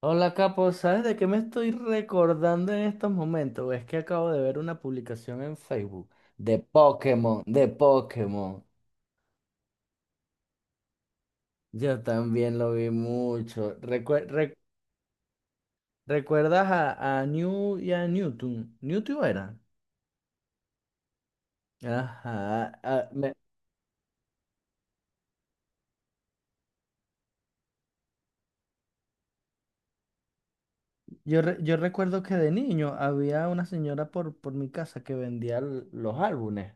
Hola Capo, ¿sabes de qué me estoy recordando en estos momentos? Es que acabo de ver una publicación en Facebook de Pokémon. Yo también lo vi mucho. ¿Recuerdas a New y a Newton? ¿Newton era? Ajá. Yo recuerdo que de niño había una señora por mi casa que vendía los álbumes.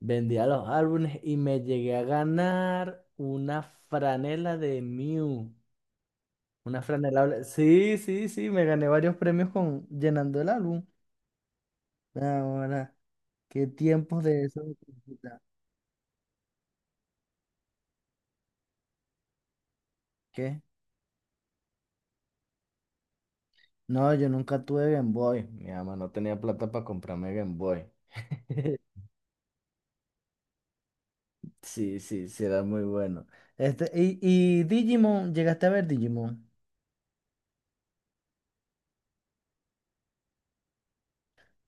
Vendía los álbumes y me llegué a ganar una franela de Mew. Sí, sí, sí, me gané varios premios con llenando el álbum. Ahora, qué tiempos de eso. ¿Qué? No, yo nunca tuve Game Boy. Mi mamá no tenía plata para comprarme Game Boy. Sí, sí, sí, era muy bueno. Este, y Digimon, ¿llegaste a ver Digimon?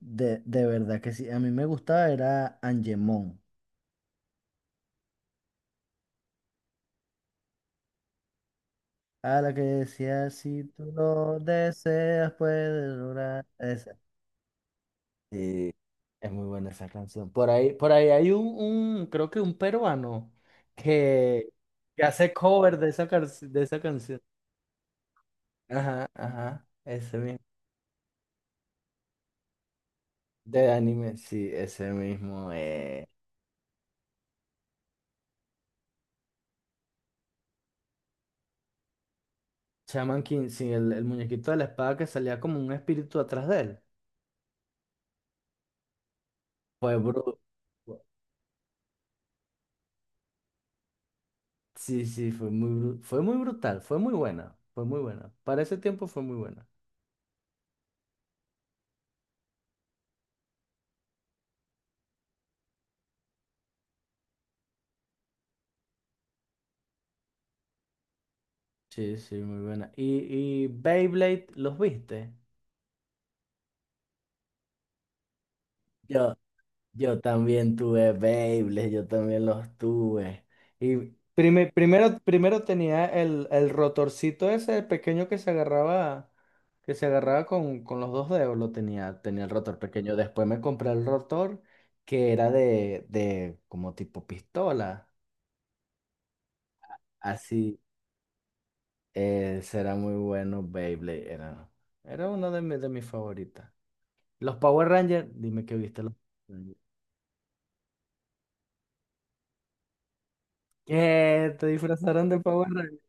De verdad que sí, a mí me gustaba, era Angemon. A la que decía, si tú lo deseas, puedes lograr. Sí, es muy buena esa canción. Por ahí hay creo que un peruano que, que hace cover de de esa canción. Ajá, ajá, ese mismo. De anime, sí, ese mismo. Shaman King, sí, el muñequito de la espada que salía como un espíritu atrás de él. Fue bru- fu- Sí, sí, fue muy, fue muy brutal, fue muy buena, fue muy buena. Para ese tiempo fue muy buena. Sí, sí, muy buena. ¿Y Beyblade los viste? Yo, Yo también tuve Beyblades, yo también los tuve. Y primero tenía el rotorcito ese pequeño que se agarraba con los dos dedos, tenía el rotor pequeño. Después me compré el rotor que era de como tipo pistola. Así, será muy bueno Beyblade, era. Era uno de mis favoritas. Los Power Rangers, dime que viste los Power Rangers. ¿Qué? ¿Te disfrazaron de Power Rangers?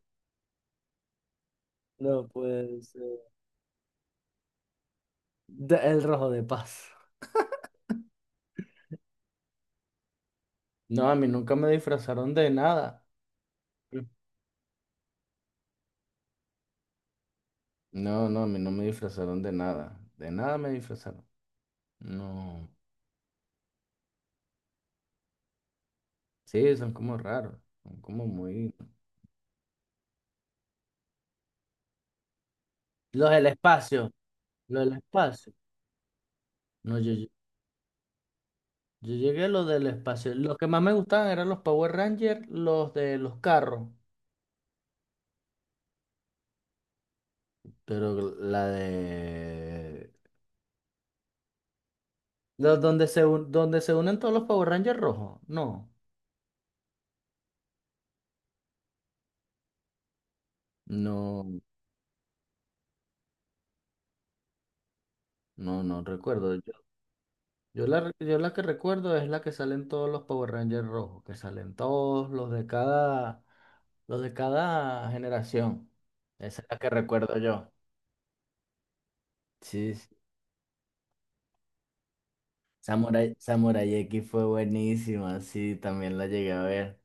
No, pues el rojo de paz. No, a mí nunca me disfrazaron de nada. No, no, a mí no me disfrazaron de nada. De nada me disfrazaron. No. Sí, son como raros. Son como muy... Los del espacio. Los del espacio. No, yo llegué a los del espacio. Los que más me gustaban eran los Power Rangers, los de los carros. Pero la de... Los donde donde se unen todos los Power Rangers rojos. No. No, no, no recuerdo. Yo la que recuerdo es la que salen todos los Power Rangers rojos, que salen todos los de cada generación. Esa es la que recuerdo yo. Sí, sí. Samurai X fue buenísima, sí, también la llegué a ver.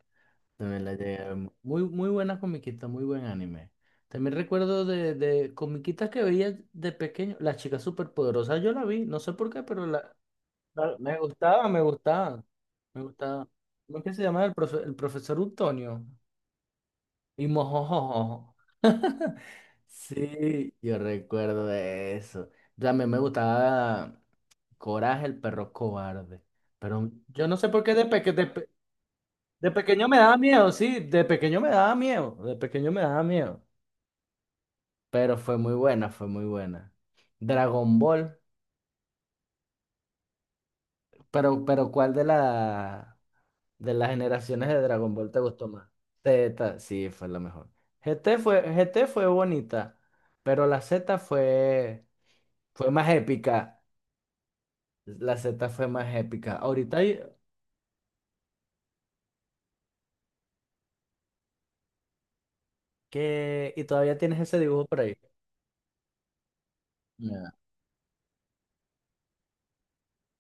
También la llegué a ver. Muy, muy buena comiquita, muy buen anime. También recuerdo de comiquitas que veía de pequeño. La chica superpoderosa yo la vi, no sé por qué, pero me gustaba, me gustaba. Me gustaba. ¿Cómo que se llamaba el profesor Utonio? Y mojojojo. Sí, yo recuerdo de eso. También me gustaba Coraje, el perro cobarde. Pero yo no sé por qué de pequeño me daba miedo, sí, de pequeño me daba miedo, de pequeño me daba miedo. Pero fue muy buena, fue muy buena. Dragon Ball, pero ¿cuál de la... De las generaciones de Dragon Ball te gustó más. Z, sí, fue la mejor. GT fue bonita, pero la Z fue más épica. La Z fue más épica. Ahorita hay que... Y todavía tienes ese dibujo por ahí. Ya.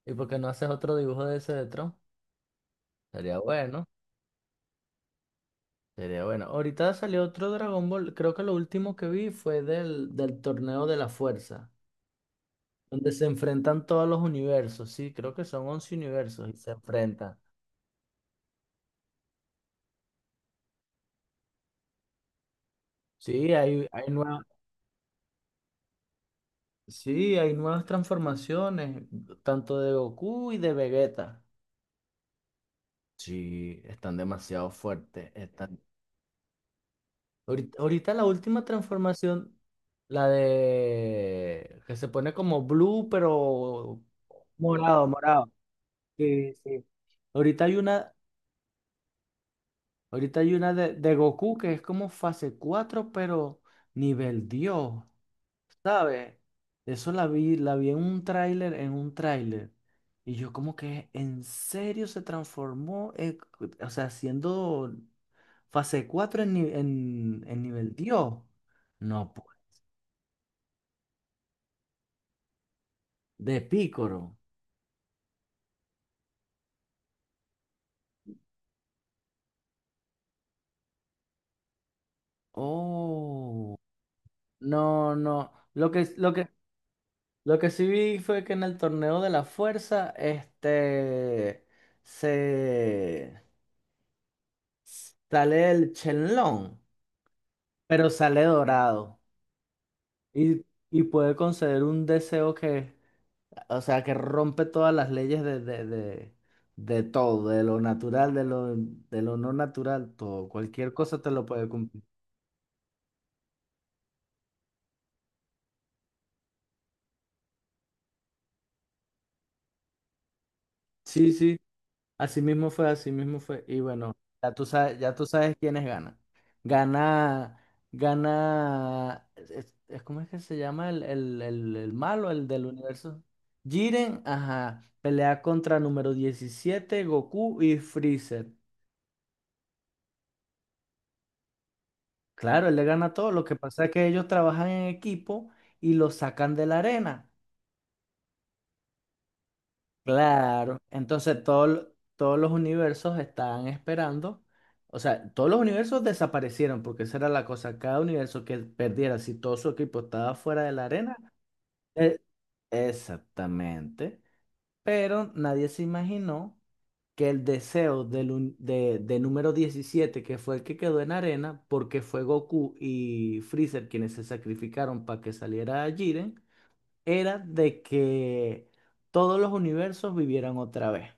¿Y por qué no haces otro dibujo de ese de Tron? Sería bueno, sería bueno. Ahorita salió otro Dragon Ball. Creo que lo último que vi fue del torneo de la fuerza, donde se enfrentan todos los universos. Sí, creo que son 11 universos y se enfrentan. Sí, hay nuevas, sí, hay nuevas transformaciones, tanto de Goku y de Vegeta. Sí, están demasiado fuertes. Están... Ahorita la última transformación, la de que se pone como blue, pero morado, morado. Sí, sí. Ahorita hay una, ahorita hay una de Goku que es como fase 4 pero nivel Dios. ¿Sabes? Eso la vi en un tráiler, en un tráiler. Y yo como que en serio se transformó, o sea, siendo fase 4 en, ni- en nivel Dios. No, pues. De Pícoro. Oh. No, no. Lo que sí vi fue que en el torneo de la fuerza, este, se sale el Chenlong, pero sale dorado. Y, y puede conceder un deseo que, o sea, que rompe todas las leyes de todo, de lo natural, de lo no natural, todo. Cualquier cosa te lo puede cumplir. Sí, sí, así mismo fue, así mismo fue. Y bueno, ya tú sabes quiénes ganan. Gana, ¿Cómo es que se llama el malo, el del universo? Jiren, ajá, pelea contra número 17 Goku y Freezer. Claro, él le gana todo. Lo que pasa es que ellos trabajan en equipo y lo sacan de la arena. Claro. Entonces todos los universos estaban esperando. O sea, todos los universos desaparecieron porque esa era la cosa. Cada universo que perdiera, si todo su equipo estaba fuera de la arena. eh, Exactamente. Pero nadie se imaginó que el deseo de número 17 que fue el que quedó en arena, porque fue Goku y Freezer quienes se sacrificaron para que saliera Jiren, era de que todos los universos vivieran otra vez.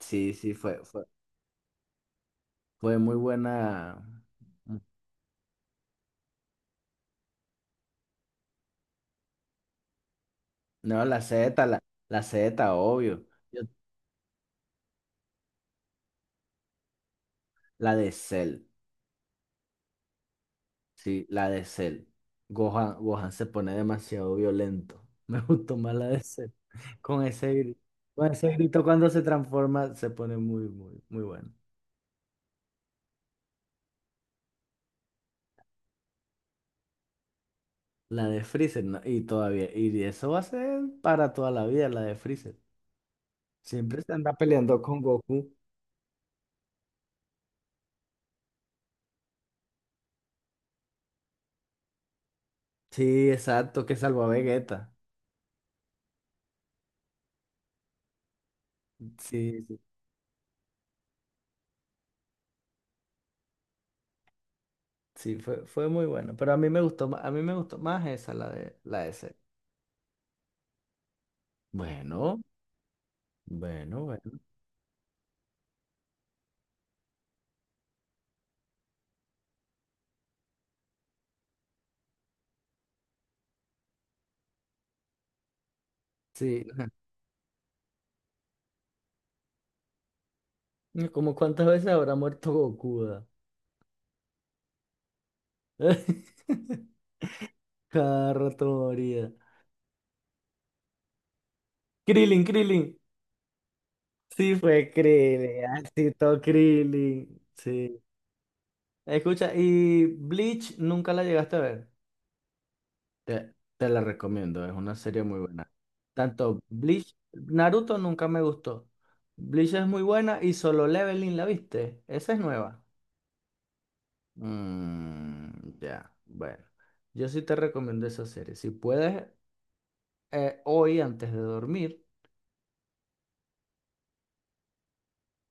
Sí, sí, fue muy buena. No, la Z, la Z, obvio. Yo- la de Cell. Sí, la de Cell. Gohan, Gohan se pone demasiado violento. Me gustó más la de Cell. Con ese grito, con ese grito cuando se transforma, se pone muy, muy, muy bueno. La de Freezer, ¿no? Y eso va a ser para toda la vida, la de Freezer. Siempre se anda peleando con Goku. Sí, exacto, que salvó a Vegeta. Sí, sí, sí, fue muy bueno. Pero a mí me gustó más, a mí me gustó más esa, la de Cell. Bueno, bueno, bueno. Sí. ¿Como cuántas veces habrá muerto Gokuda? Cada rato moría. Krillin, Krillin. Sí, fue Krillin. Así todo Krillin. Sí. Escucha, ¿y Bleach nunca la llegaste a ver? Te la recomiendo, es una serie muy buena. Tanto Bleach, Naruto nunca me gustó. Bleach es muy buena y Solo Leveling, ¿la viste? Esa es nueva. Mm, ya, bueno. Yo sí te recomiendo esa serie. Si puedes, hoy antes de dormir,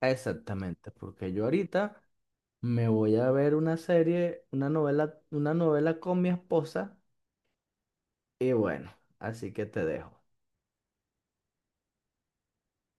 exactamente, porque yo ahorita me voy a ver una serie, una novela con mi esposa y bueno, así que te dejo.